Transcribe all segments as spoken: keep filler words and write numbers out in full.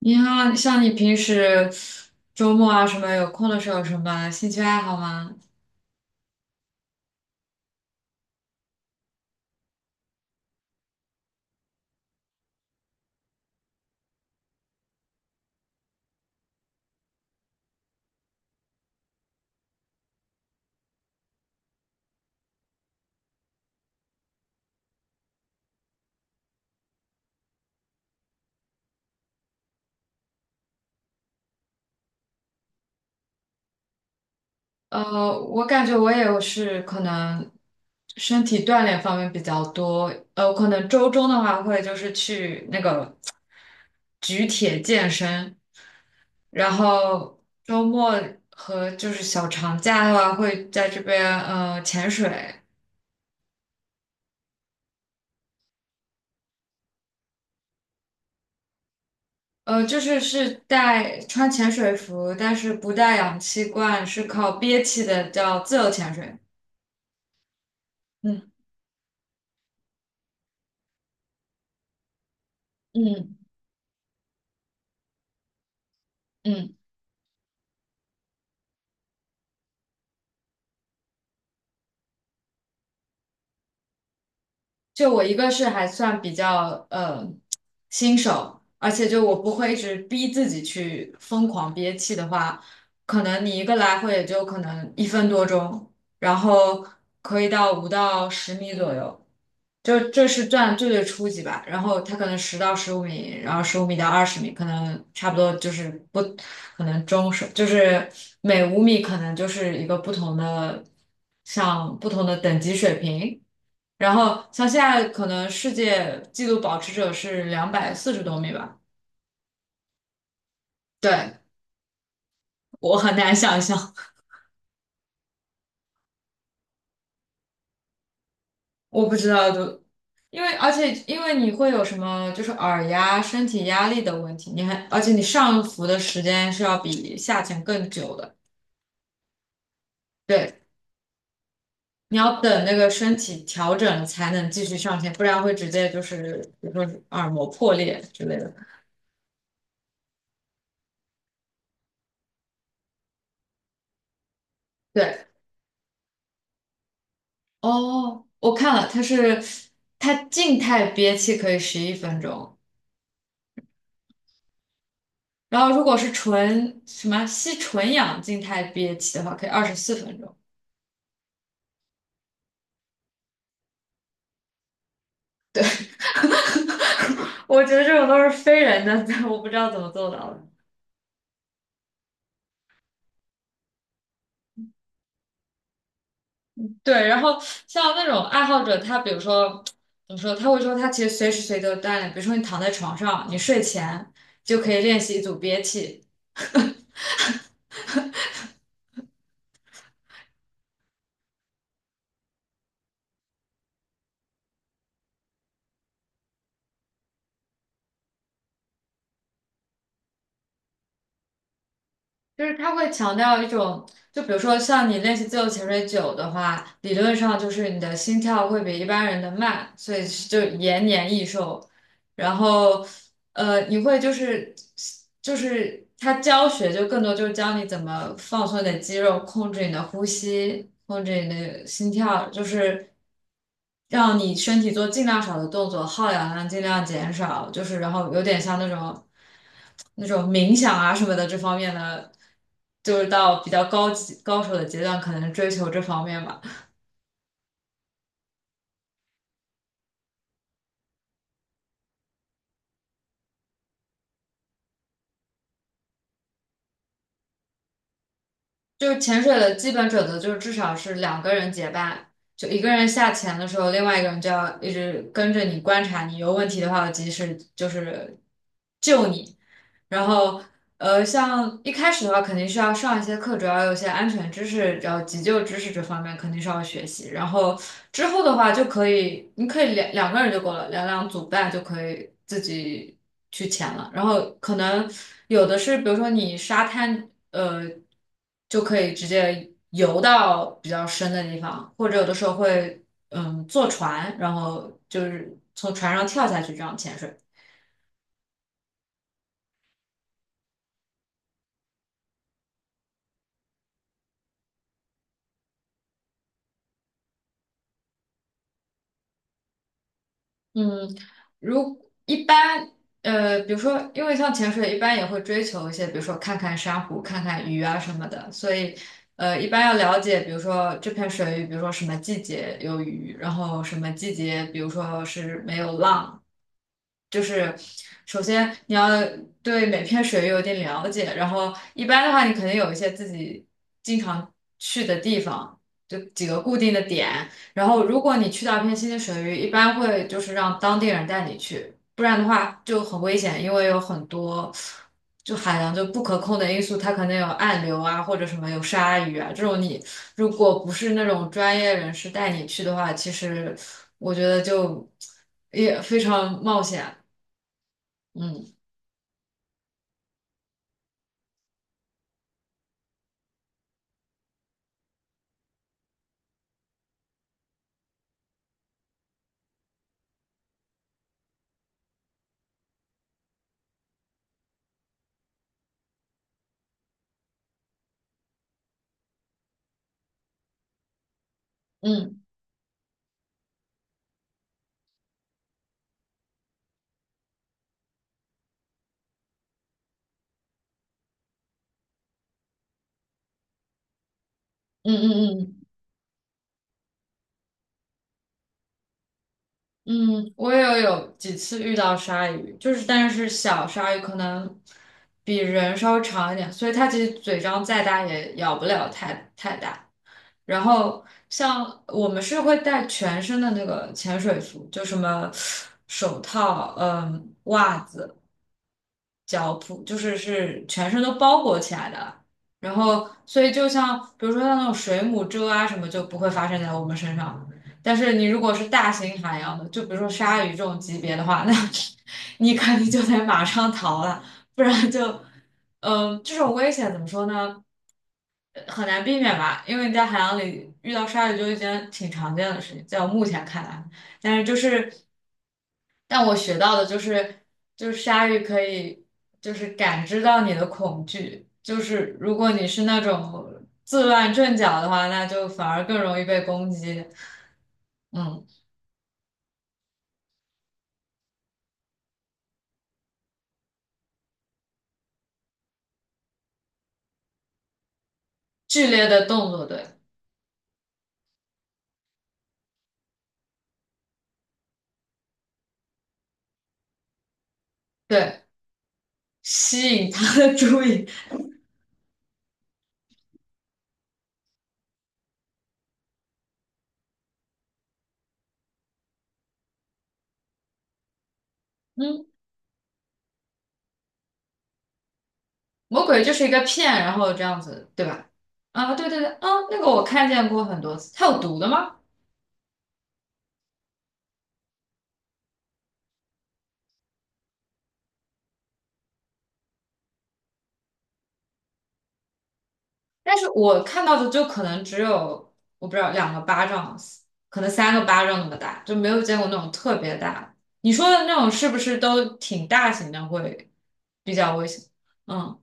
你好，像你平时周末啊什么有空的时候有什么兴趣爱好吗？呃，我感觉我也是可能身体锻炼方面比较多，呃，我可能周中的话会就是去那个举铁健身，然后周末和就是小长假的话会在这边呃潜水。呃，就是是带穿潜水服，但是不带氧气罐，是靠憋气的，叫自由潜水。嗯嗯嗯，就我一个是还算比较呃新手，而且就我不会一直逼自己去疯狂憋气的话，可能你一个来回也就可能一分多钟，然后可以到五到十米左右，就这是算最最初级吧。然后它可能十到十五米，然后十五米到二十米，可能差不多就是不可能中手，就是每五米可能就是一个不同的像不同的等级水平。然后像现在可能世界纪录保持者是两百四十多米吧？对，我很难想象，我不知道都，因为而且因为你会有什么就是耳压、身体压力的问题，你还而且你上浮的时间是要比下潜更久的，对，你要等那个身体调整才能继续上潜，不然会直接就是比如说耳膜破裂之类的。对，哦，我看了，它是它静态憋气可以十一分钟。然后如果是纯什么吸纯氧静态憋气的话，可以二十四分钟。我觉得这种都是非人的，我不知道怎么做到的。对，然后像那种爱好者，他比如说怎么说，他会说他其实随时随地都锻炼，比如说你躺在床上，你睡前就可以练习一组憋气，就是他会强调一种，就比如说像你练习自由潜水久的话，理论上就是你的心跳会比一般人的慢，所以就延年益寿。然后呃，你会就是就是他教学就更多就是教你怎么放松你的肌肉，控制你的呼吸，控制你的心跳，就是让你身体做尽量少的动作，耗氧量尽量减少，就是然后有点像那种那种冥想啊什么的这方面的，就是到比较高级高手的阶段，可能追求这方面吧。就是潜水的基本准则就是至少是两个人结伴，就一个人下潜的时候，另外一个人就要一直跟着你观察你，有问题的话及时就是救你。然后呃，像一开始的话肯定是要上一些课，主要有一些安全知识，然后急救知识这方面肯定是要学习。然后之后的话就可以，你可以两两个人就够了，两两组伴就可以自己去潜了。然后可能有的是，比如说你沙滩呃。就可以直接游到比较深的地方，或者有的时候会嗯坐船，然后就是从船上跳下去这样潜水。嗯，如一般，呃，比如说，因为像潜水，一般也会追求一些，比如说看看珊瑚、看看鱼啊什么的，所以，呃，一般要了解，比如说这片水域，比如说什么季节有鱼，然后什么季节，比如说是没有浪，就是首先你要对每片水域有点了解，然后一般的话，你肯定有一些自己经常去的地方，就几个固定的点。然后，如果你去到一片新的水域，一般会就是让当地人带你去，不然的话就很危险，因为有很多就海洋就不可控的因素，它可能有暗流啊，或者什么有鲨鱼啊这种。你如果不是那种专业人士带你去的话，其实我觉得就也非常冒险。嗯嗯嗯嗯嗯嗯。嗯，我也有有几次遇到鲨鱼，就是但是小鲨鱼可能比人稍微长一点，所以它其实嘴张再大也咬不了太太大。然后像我们是会带全身的那个潜水服，就什么手套、嗯、袜子。脚蹼，就是是全身都包裹起来的。然后，所以就像比如说像那种水母蛰啊什么，就不会发生在我们身上。但是你如果是大型海洋的，就比如说鲨鱼这种级别的话，那 你肯定就得马上逃了，不然就，嗯、这种危险怎么说呢？呃很难避免吧，因为你在海洋里遇到鲨鱼就一件挺常见的事情，在我目前看来。但是就是，但我学到的就是，就是鲨鱼可以就是感知到你的恐惧，就是如果你是那种自乱阵脚的话，那就反而更容易被攻击。嗯，剧烈的动作，对对，吸引他的注意。嗯，魔鬼就是一个骗，然后这样子，对吧？啊，对对对，啊，那个我看见过很多次，它有毒的吗？但是我看到的就可能只有我不知道两个巴掌，可能三个巴掌那么大，就没有见过那种特别大的。你说的那种是不是都挺大型的，会比较危险？嗯，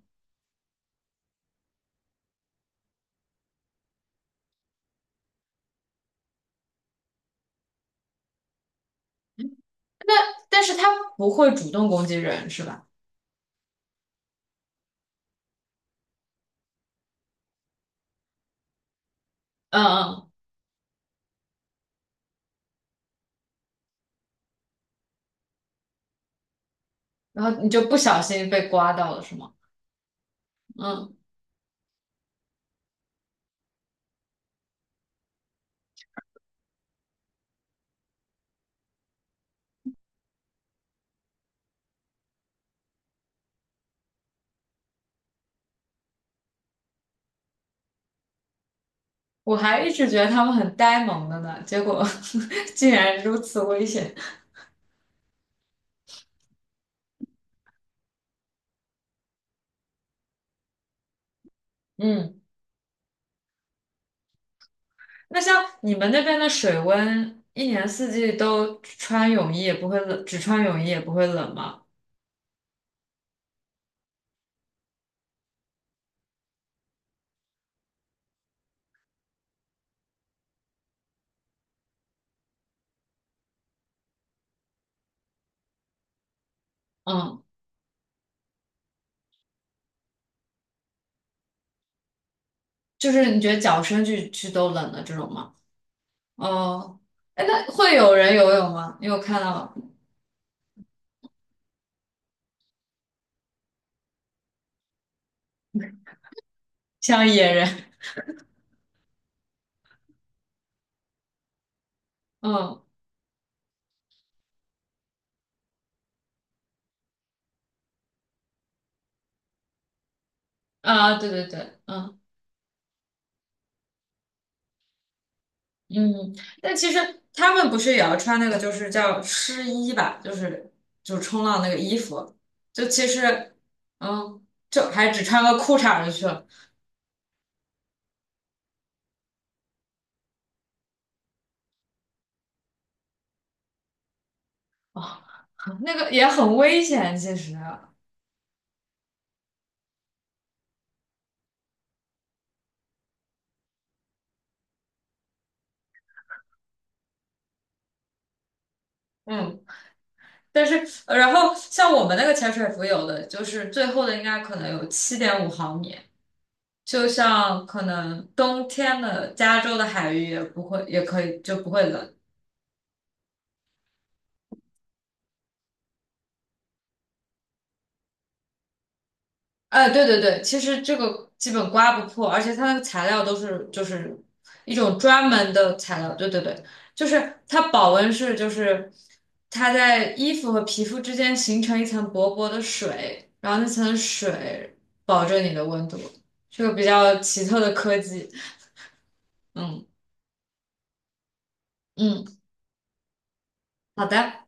但是它不会主动攻击人，是吧？嗯嗯，然后你就不小心被刮到了，是吗？嗯，我还一直觉得它们很呆萌的呢，结果 竟然如此危险。嗯。那像你们那边的水温，一年四季都穿泳衣也不会冷，只穿泳衣也不会冷吗？嗯，就是你觉得脚伸进去都冷的这种吗？哦，哎，那会有人游泳吗？你有看到像野人？嗯啊，对对对，嗯嗯，但其实他们不是也要穿那个，就是叫湿衣吧，就是就冲浪那个衣服，就其实嗯，就还只穿个裤衩儿就去了。哦，那个也很危险，其实。嗯，但是，呃然后像我们那个潜水服，有的就是最厚的，应该可能有七点五毫米。就像可能冬天的加州的海域也不会，也可以就不会冷，哎，对对对，其实这个基本刮不破，而且它那个材料都是就是一种专门的材料，对对对，就是它保温是就是它在衣服和皮肤之间形成一层薄薄的水，然后那层水保证你的温度，是个比较奇特的科技。嗯嗯，好的。